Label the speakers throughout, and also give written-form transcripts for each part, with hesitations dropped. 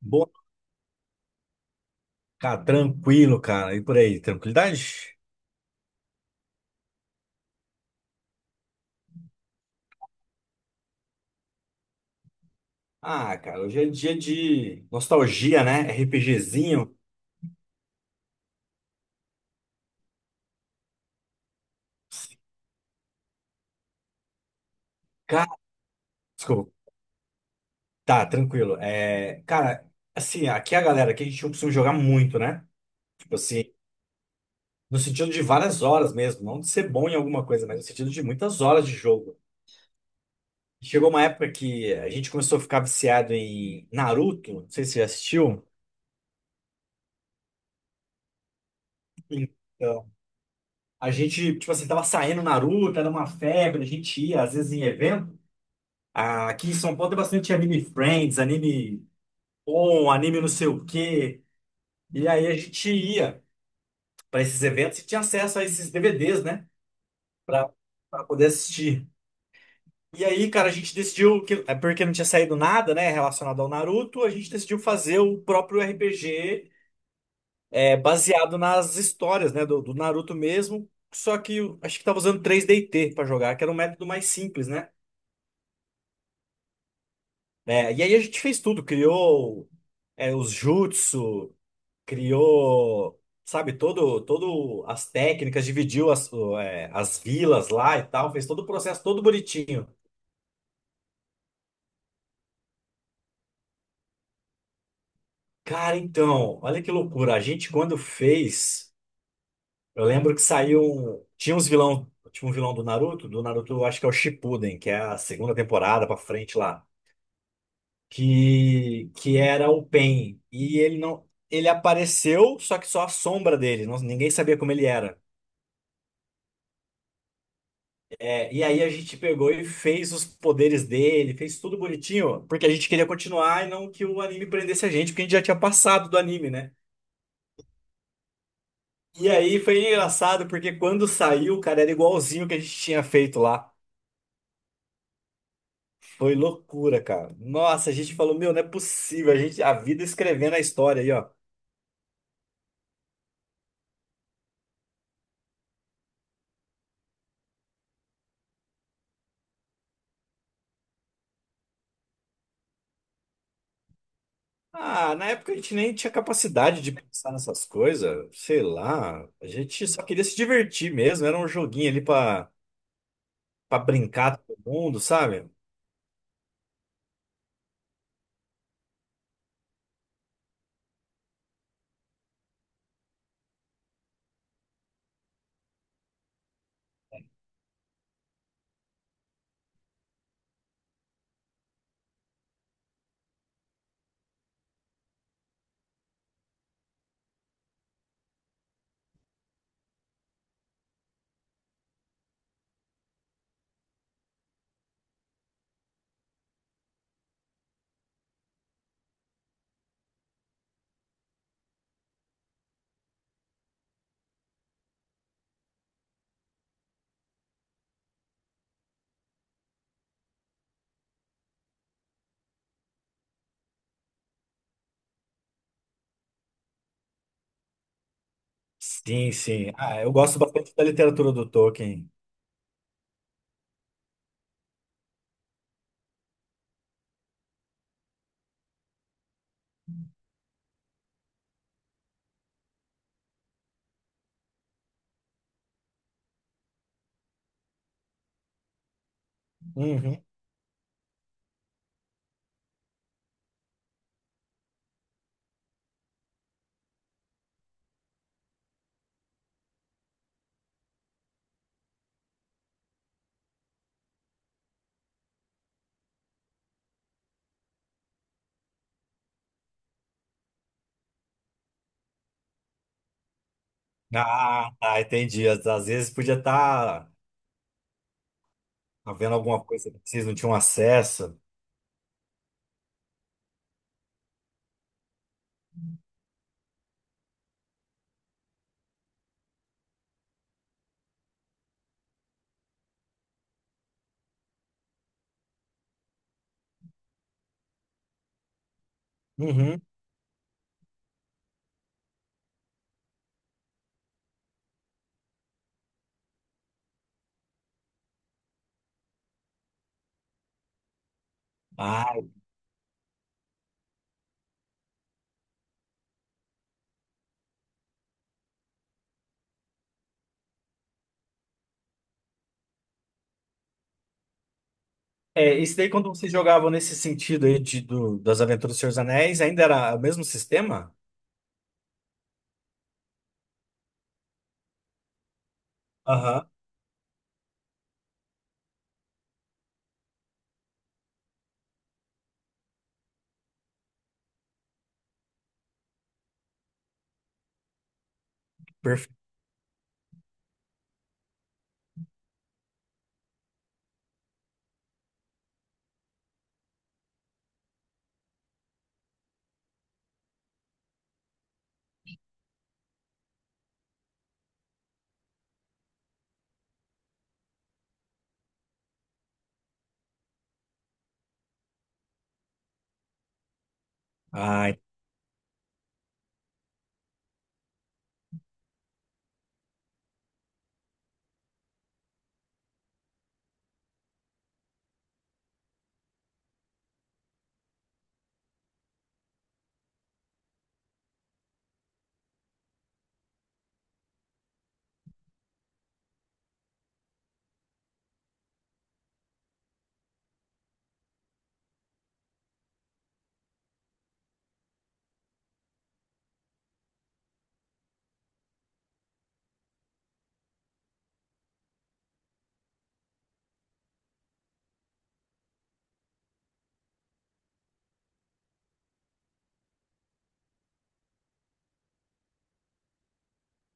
Speaker 1: Boa, cara, tranquilo, cara. E por aí, tranquilidade? Ah, cara, hoje é dia de nostalgia, né? RPGzinho. Cara, desculpa. Tá, tranquilo. Assim, aqui é a galera, aqui a gente não costuma jogar muito, né? Tipo assim, no sentido de várias horas mesmo, não de ser bom em alguma coisa, mas no sentido de muitas horas de jogo. Chegou uma época que a gente começou a ficar viciado em Naruto, não sei se você já assistiu. Então, a gente, tipo assim, tava saindo Naruto, era uma febre, a gente ia, às vezes, em evento. Ah, aqui em São Paulo tem bastante anime Friends, anime On, anime não sei o quê. E aí a gente ia para esses eventos e tinha acesso a esses DVDs, né? Pra, pra poder assistir. E aí, cara, a gente decidiu que, é porque não tinha saído nada, né, relacionado ao Naruto, a gente decidiu fazer o próprio RPG, baseado nas histórias, né, do Naruto mesmo. Só que eu acho que tava usando 3DT para jogar, que era um método mais simples, né? É, e aí a gente fez tudo, criou os jutsu, criou, sabe, todo as técnicas, dividiu as vilas lá e tal, fez todo o processo todo bonitinho. Cara, então, olha que loucura. A gente quando fez, eu lembro que saiu, tinha uns vilão, tinha um vilão do Naruto, eu acho que é o Shippuden, que é a segunda temporada pra frente lá, que era o Pain e ele não. Ele apareceu, só que só a sombra dele, ninguém sabia como ele era. É, e aí a gente pegou e fez os poderes dele, fez tudo bonitinho, porque a gente queria continuar e não que o anime prendesse a gente, porque a gente já tinha passado do anime, né? E aí foi engraçado, porque quando saiu, cara, era igualzinho o que a gente tinha feito lá. Foi loucura, cara. Nossa, a gente falou, meu, não é possível, a gente, a vida escrevendo a história aí, ó. Ah, na época a gente nem tinha capacidade de pensar nessas coisas, sei lá. A gente só queria se divertir mesmo, era um joguinho ali pra brincar todo mundo, sabe? Sim, sim. Ah, eu gosto bastante da literatura do Tolkien. Uhum. Ah, tá, entendi. Às vezes podia estar havendo alguma coisa que vocês não tinham acesso. Uhum. Ah, é, isso daí quando vocês jogavam nesse sentido aí de, do, das Aventuras do Senhor dos Anéis, ainda era o mesmo sistema? Aham, perfeito. Ai,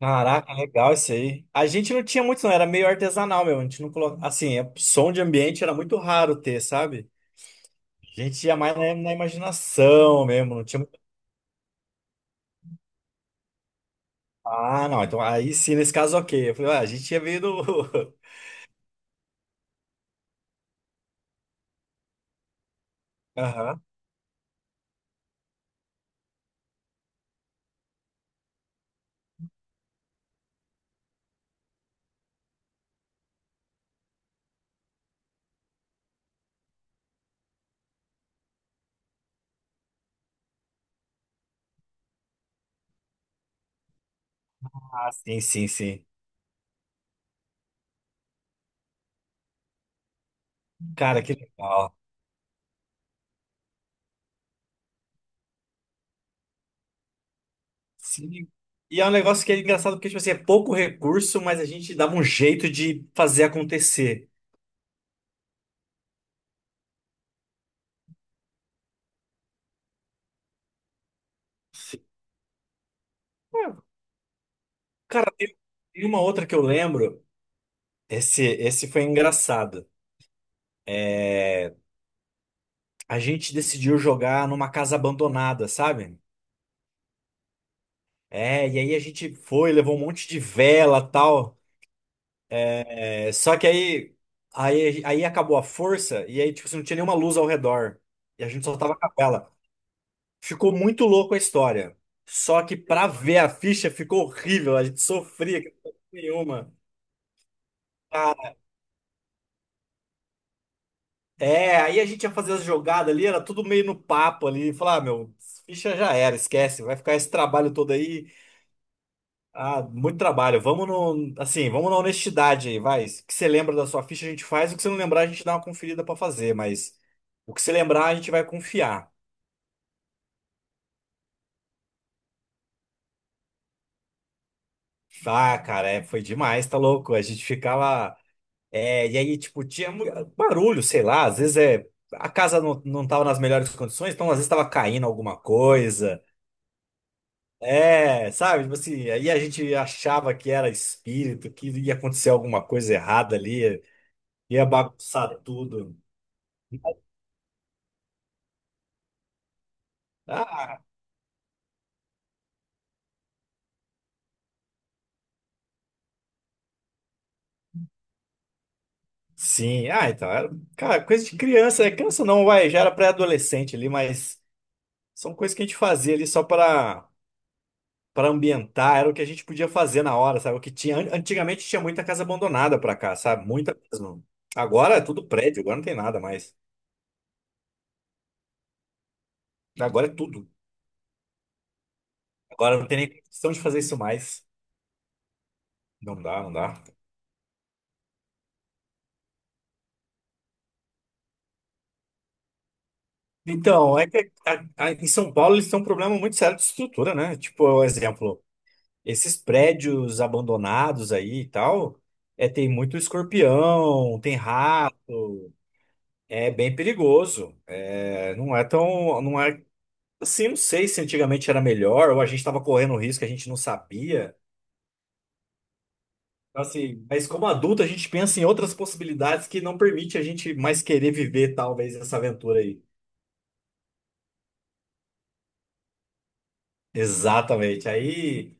Speaker 1: caraca, legal isso aí. A gente não tinha muito, não, era meio artesanal, meu. A gente não colocava. Assim, som de ambiente era muito raro ter, sabe? A gente ia mais na, na imaginação mesmo, não tinha. Ah, não. Então, aí sim, nesse caso, ok. Eu falei, ah, a gente tinha vindo. Aham. Ah, sim, sim, sim. Cara, que legal. Sim. E é um negócio que é engraçado porque, tipo assim, é pouco recurso, mas a gente dava um jeito de fazer acontecer. Sim. É, cara, tem tem uma outra que eu lembro. Esse foi engraçado. É, a gente decidiu jogar numa casa abandonada, sabe? É, e aí a gente foi, levou um monte de vela, tal. É, só que aí, aí acabou a força e aí, tipo, assim, não tinha nenhuma luz ao redor. E a gente só tava com a vela. Ficou muito louco a história. Só que pra ver a ficha ficou horrível. A gente sofria, que não tinha nenhuma. Cara, é, aí a gente ia fazer as jogadas ali, era tudo meio no papo ali. Falar, ah, meu, ficha já era, esquece. Vai ficar esse trabalho todo aí. Ah, muito trabalho. Vamos no, assim, vamos na honestidade aí, vai. O que você lembra da sua ficha, a gente faz. O que você não lembrar, a gente dá uma conferida pra fazer, mas o que você lembrar, a gente vai confiar. Ah, cara, é, foi demais, tá louco? A gente ficava. E aí, tipo, barulho, sei lá, às vezes é. A casa não tava nas melhores condições, então às vezes tava caindo alguma coisa. É, sabe? Tipo assim, aí a gente achava que era espírito, que ia acontecer alguma coisa errada ali, ia bagunçar tudo. Ah, sim, cara, coisa de criança, né? Criança não, vai, já era pré-adolescente ali, mas são coisas que a gente fazia ali só para para ambientar, era o que a gente podia fazer na hora, sabe? O que tinha, antigamente tinha muita casa abandonada pra cá, sabe? Muita mesmo. Agora é tudo prédio, agora não tem nada mais. Agora é tudo. Agora não tem nem questão de fazer isso mais. Não dá, não dá. Então, é que em São Paulo eles têm um problema muito sério de estrutura, né? Tipo, um exemplo. Esses prédios abandonados aí e tal, é, tem muito escorpião, tem rato, é bem perigoso. É, não é tão, não sei se antigamente era melhor ou a gente estava correndo risco que a gente não sabia. Então, assim, mas como adulto a gente pensa em outras possibilidades que não permite a gente mais querer viver talvez essa aventura aí. Exatamente. Aí,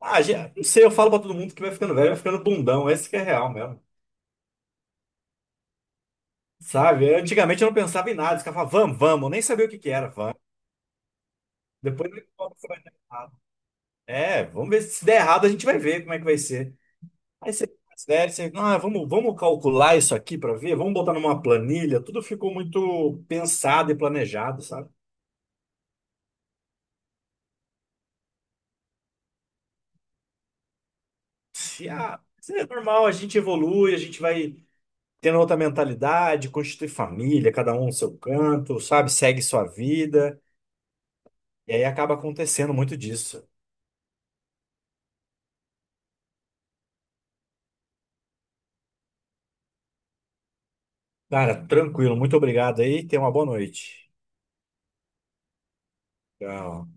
Speaker 1: ah, não sei, eu falo pra todo mundo que vai ficando velho, vai ficando bundão, esse que é real mesmo. Sabe? Antigamente eu não pensava em nada, eu ficava, vamos, eu nem sabia o que que era, vamos. Depois eu falo se vai dar errado. É, vamos ver se der errado, a gente vai ver como é que vai ser. Aí você fica mais velho, você, ah, vamos calcular isso aqui para ver, vamos botar numa planilha, tudo ficou muito pensado e planejado, sabe? E, ah, isso é normal, a gente evolui, a gente vai tendo outra mentalidade, constitui família, cada um no seu canto, sabe? Segue sua vida, e aí acaba acontecendo muito disso. Cara, tranquilo, muito obrigado aí, tenha uma boa noite. Tchau.